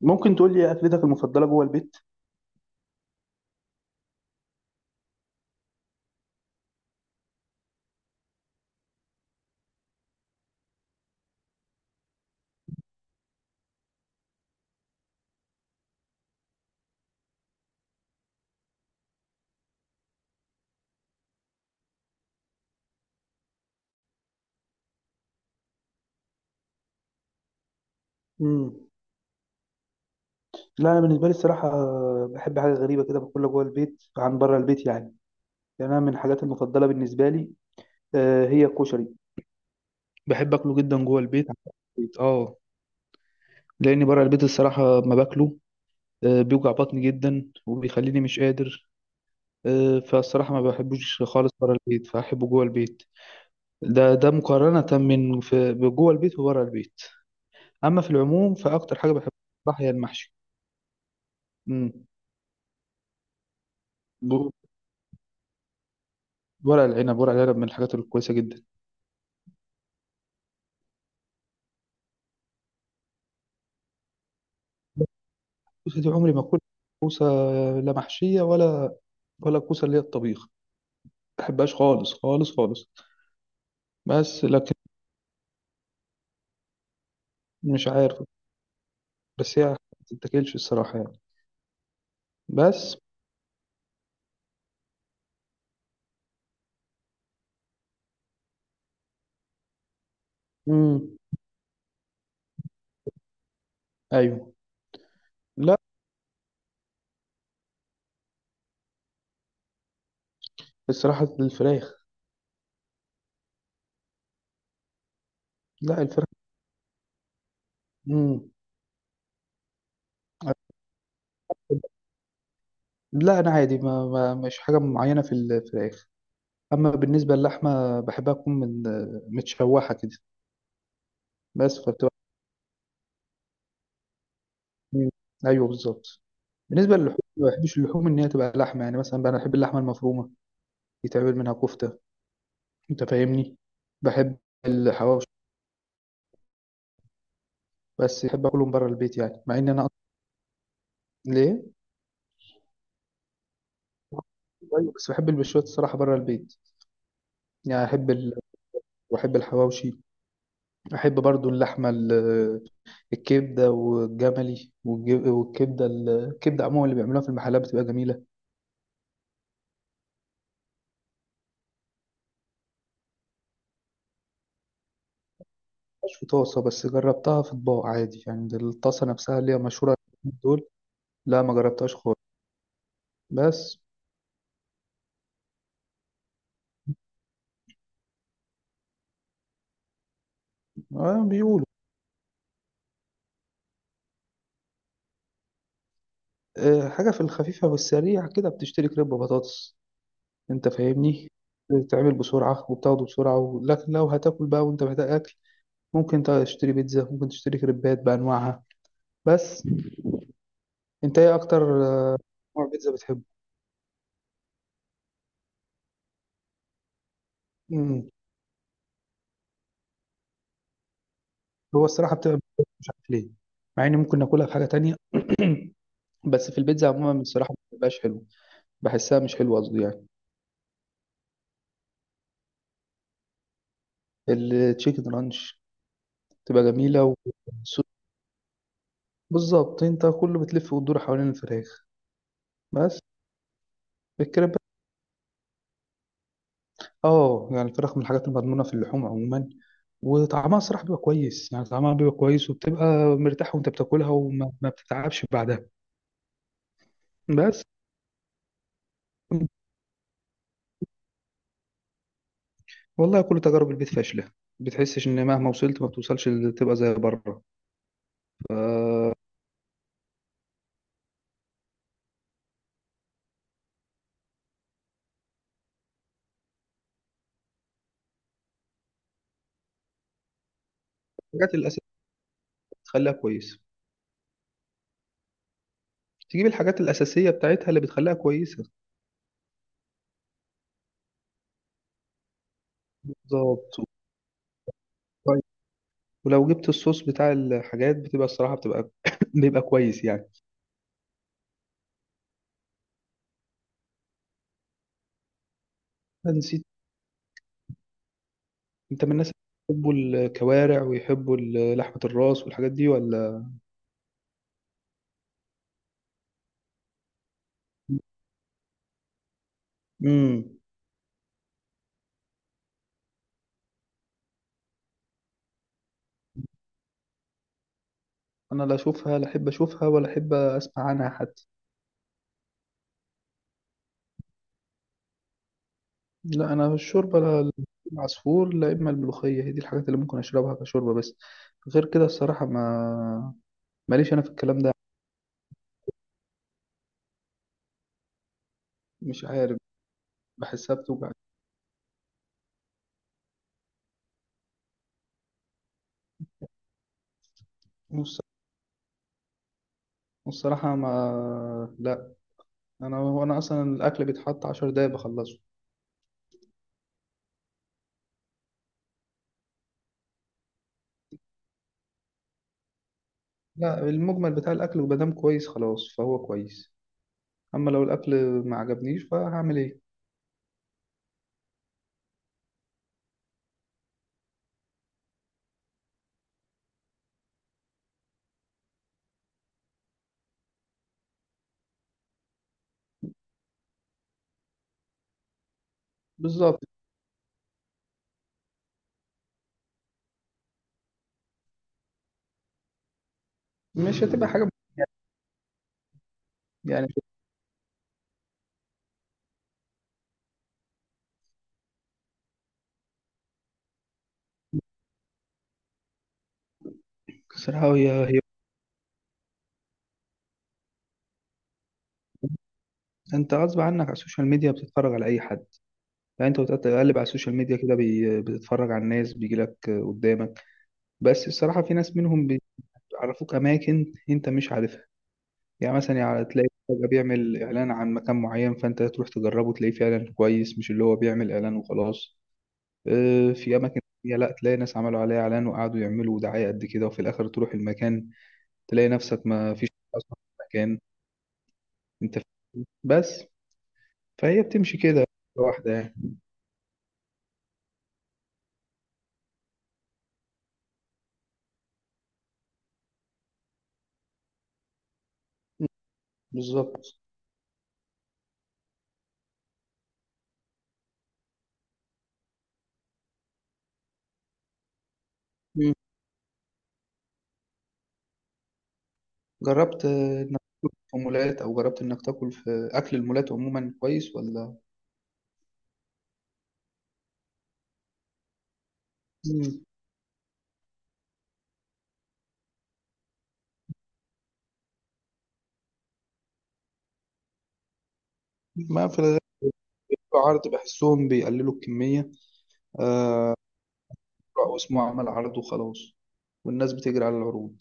ممكن تقول لي اكلتك المفضله جوه البيت؟ امم لا، انا بالنسبه لي الصراحه بحب حاجه غريبه كده باكلها جوه البيت عن بره البيت يعني. يعني انا من الحاجات المفضله بالنسبه لي، هي الكشري. بحب اكله جدا جوه البيت عن بره البيت. اه لان بره البيت الصراحه ما باكله. بيوجع بطني جدا وبيخليني مش قادر. فالصراحه ما بحبوش خالص بره البيت، فاحبه جوه البيت. ده مقارنه من في جوه البيت وبره البيت. اما في العموم، فاكتر حاجه بحبها الصراحه هي المحشي. امم ورق العنب، ورق العنب من الحاجات الكويسة جدا. الكوسة دي عمري ما أكل كوسة، لا محشية ولا كوسة اللي هي الطبيخ. ما بحبهاش خالص خالص خالص. بس لكن مش عارف. بس هي ما تتاكلش الصراحة يعني. بس. مم. أيوه. لا، الصراحة الفراخ. لا، الفراخ. مم. لا، أنا عادي، ما مش حاجة معينة في الفراخ. أما بالنسبة للحمة، بحبها تكون من متشوحة كده. بس. مم. ايوه بالظبط. بالنسبه للحوم، ما بحبش اللحوم ان هي تبقى لحمه، يعني مثلا بقى انا بحب اللحمه المفرومه يتعمل منها كفته. انت فاهمني. بحب الحواوشي. بس بحب اكلهم بره البيت، يعني مع ان انا أصلاً ليه. أيوة، بس بحب البشوات الصراحه بره البيت. يعني احب ال... واحب الحواوشي. احب برضو اللحمه الكبده والجملي والكبده الكبده عموما اللي بيعملوها في المحلات بتبقى جميله. مش في طاسه، بس جربتها في اطباق عادي يعني، ده الطاسه نفسها اللي هي مشهوره. دول. لا، ما جربتهاش خالص. بس، آه، بيقولوا. آه، حاجة في الخفيفة والسريع كده بتشتري كريب بطاطس. أنت فاهمني. بتتعمل بسرعة وبتاخده بسرعة، و... لكن لو هتاكل بقى وأنت محتاج أكل، ممكن تشتري بيتزا، ممكن تشتري كريبات بأنواعها. بس أنت إيه أكتر آه، نوع بيتزا بتحبه؟ مم. هو الصراحة بتبقى مش عارف ليه، مع إني ممكن ناكلها في حاجة تانية بس في البيتزا عموما الصراحة ما بتبقاش حلوة. بحسها مش حلوة قصدي يعني. التشيكن رانش تبقى جميلة، والصوص بالظبط. انت كله بتلف وتدور حوالين الفراخ. بس الكريب. اه، يعني الفراخ من الحاجات المضمونة في اللحوم عموما، وطعمها الصراحة بيبقى كويس، يعني طعمها بيبقى كويس وبتبقى مرتاح وانت بتاكلها وما ما بتتعبش بعدها. بس، والله كل تجارب البيت فاشلة. بتحسش ان مهما وصلت ما بتوصلش تبقى زي بره. الحاجات الأساسية بتخليها كويسة. تجيب الحاجات الأساسية بتاعتها اللي بتخليها كويسة. بالظبط. ولو جبت الصوص بتاع الحاجات بتبقى الصراحة بتبقى بيبقى كويس يعني. نسيت. انت من الناس اللي بيحبوا الكوارع ويحبوا لحمة الراس والحاجات دي ولا؟ امم انا لا اشوفها، لا احب اشوفها ولا احب اسمع عنها حتى. لا، انا الشوربة لا. العصفور لا، اما الملوخية هي دي الحاجات اللي ممكن اشربها كشوربة بس. غير كده الصراحة ما ماليش انا في الكلام ده. مش عارف، بحسها بتوجع. والص- والصراحة ما لا، انا اصلا الاكل بيتحط 10 دقايق بخلصه. لا، المجمل بتاع الاكل وبدام كويس خلاص فهو كويس. اما لو الاكل ما عجبنيش فهعمل ايه؟ بالظبط. مش هتبقى حاجه يعني. صراحه هي انت غصب عنك على السوشيال ميديا بتتفرج على اي حد. يعني انت بتقلب على السوشيال ميديا كده بتتفرج على الناس بيجي لك قدامك. بس الصراحه في ناس منهم بيعرفوك اماكن انت مش عارفها. يعني مثلا يعني تلاقي فجأة بيعمل إعلان عن مكان معين فأنت تروح تجربه تلاقيه فعلا كويس، مش اللي هو بيعمل إعلان وخلاص. في أماكن تانية لا، تلاقي ناس عملوا عليها إعلان وقعدوا يعملوا دعاية قد كده وفي الآخر تروح المكان تلاقي نفسك ما فيش اصلا مكان انت فيه. بس فهي بتمشي كده لوحدها يعني. مم. بالظبط. مم. جربت انك تاكل في مولات، او جربت انك تاكل في اكل المولات عموما كويس ولا؟ مم. ما في الغالب عرض بحسهم بيقللوا الكمية. آه، أو اسمه عمل عرض وخلاص، والناس بتجري على العروض.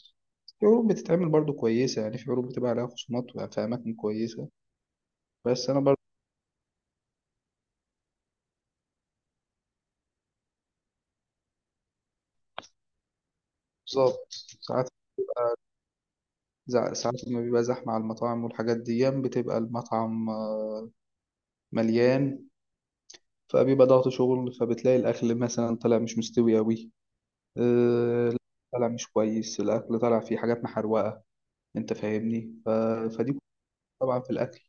في عروض بتتعمل برضو كويسة، يعني في عروض بتبقى عليها خصومات في أماكن كويسة. بس أنا برضو بالظبط. ساعات، ساعات لما بيبقى زحمة على المطاعم والحاجات دي بتبقى المطعم مليان. فبيبقى ضغط شغل فبتلاقي الأكل مثلا طالع مش مستوي أوي. آه، طالع مش كويس الأكل، طالع فيه حاجات محروقة. أنت فاهمني فدي طبعا في الأكل،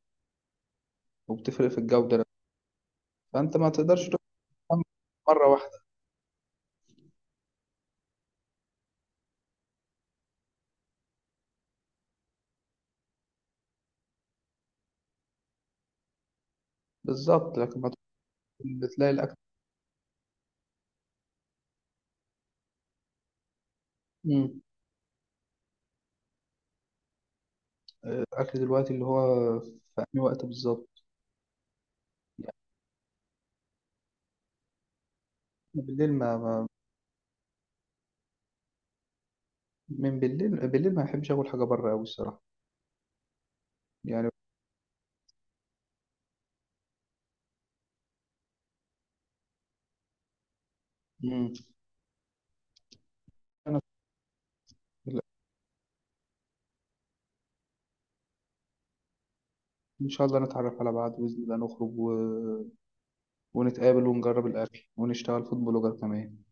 وبتفرق في الجودة نفسها. فأنت ما تقدرش تفهم مرة واحدة. بالظبط، لكن ما تكون بتلاقي الأكل. مم. الأكل دلوقتي اللي هو في أي وقت بالظبط، يعني بالليل من بالليل بالليل ما بحبش آكل حاجة بره أوي الصراحة يعني. مم. أنا، إن شاء الله نتعرف على بعض بإذن الله نخرج و... ونتقابل ونجرب الأكل ونشتغل فود بلوجر كمان.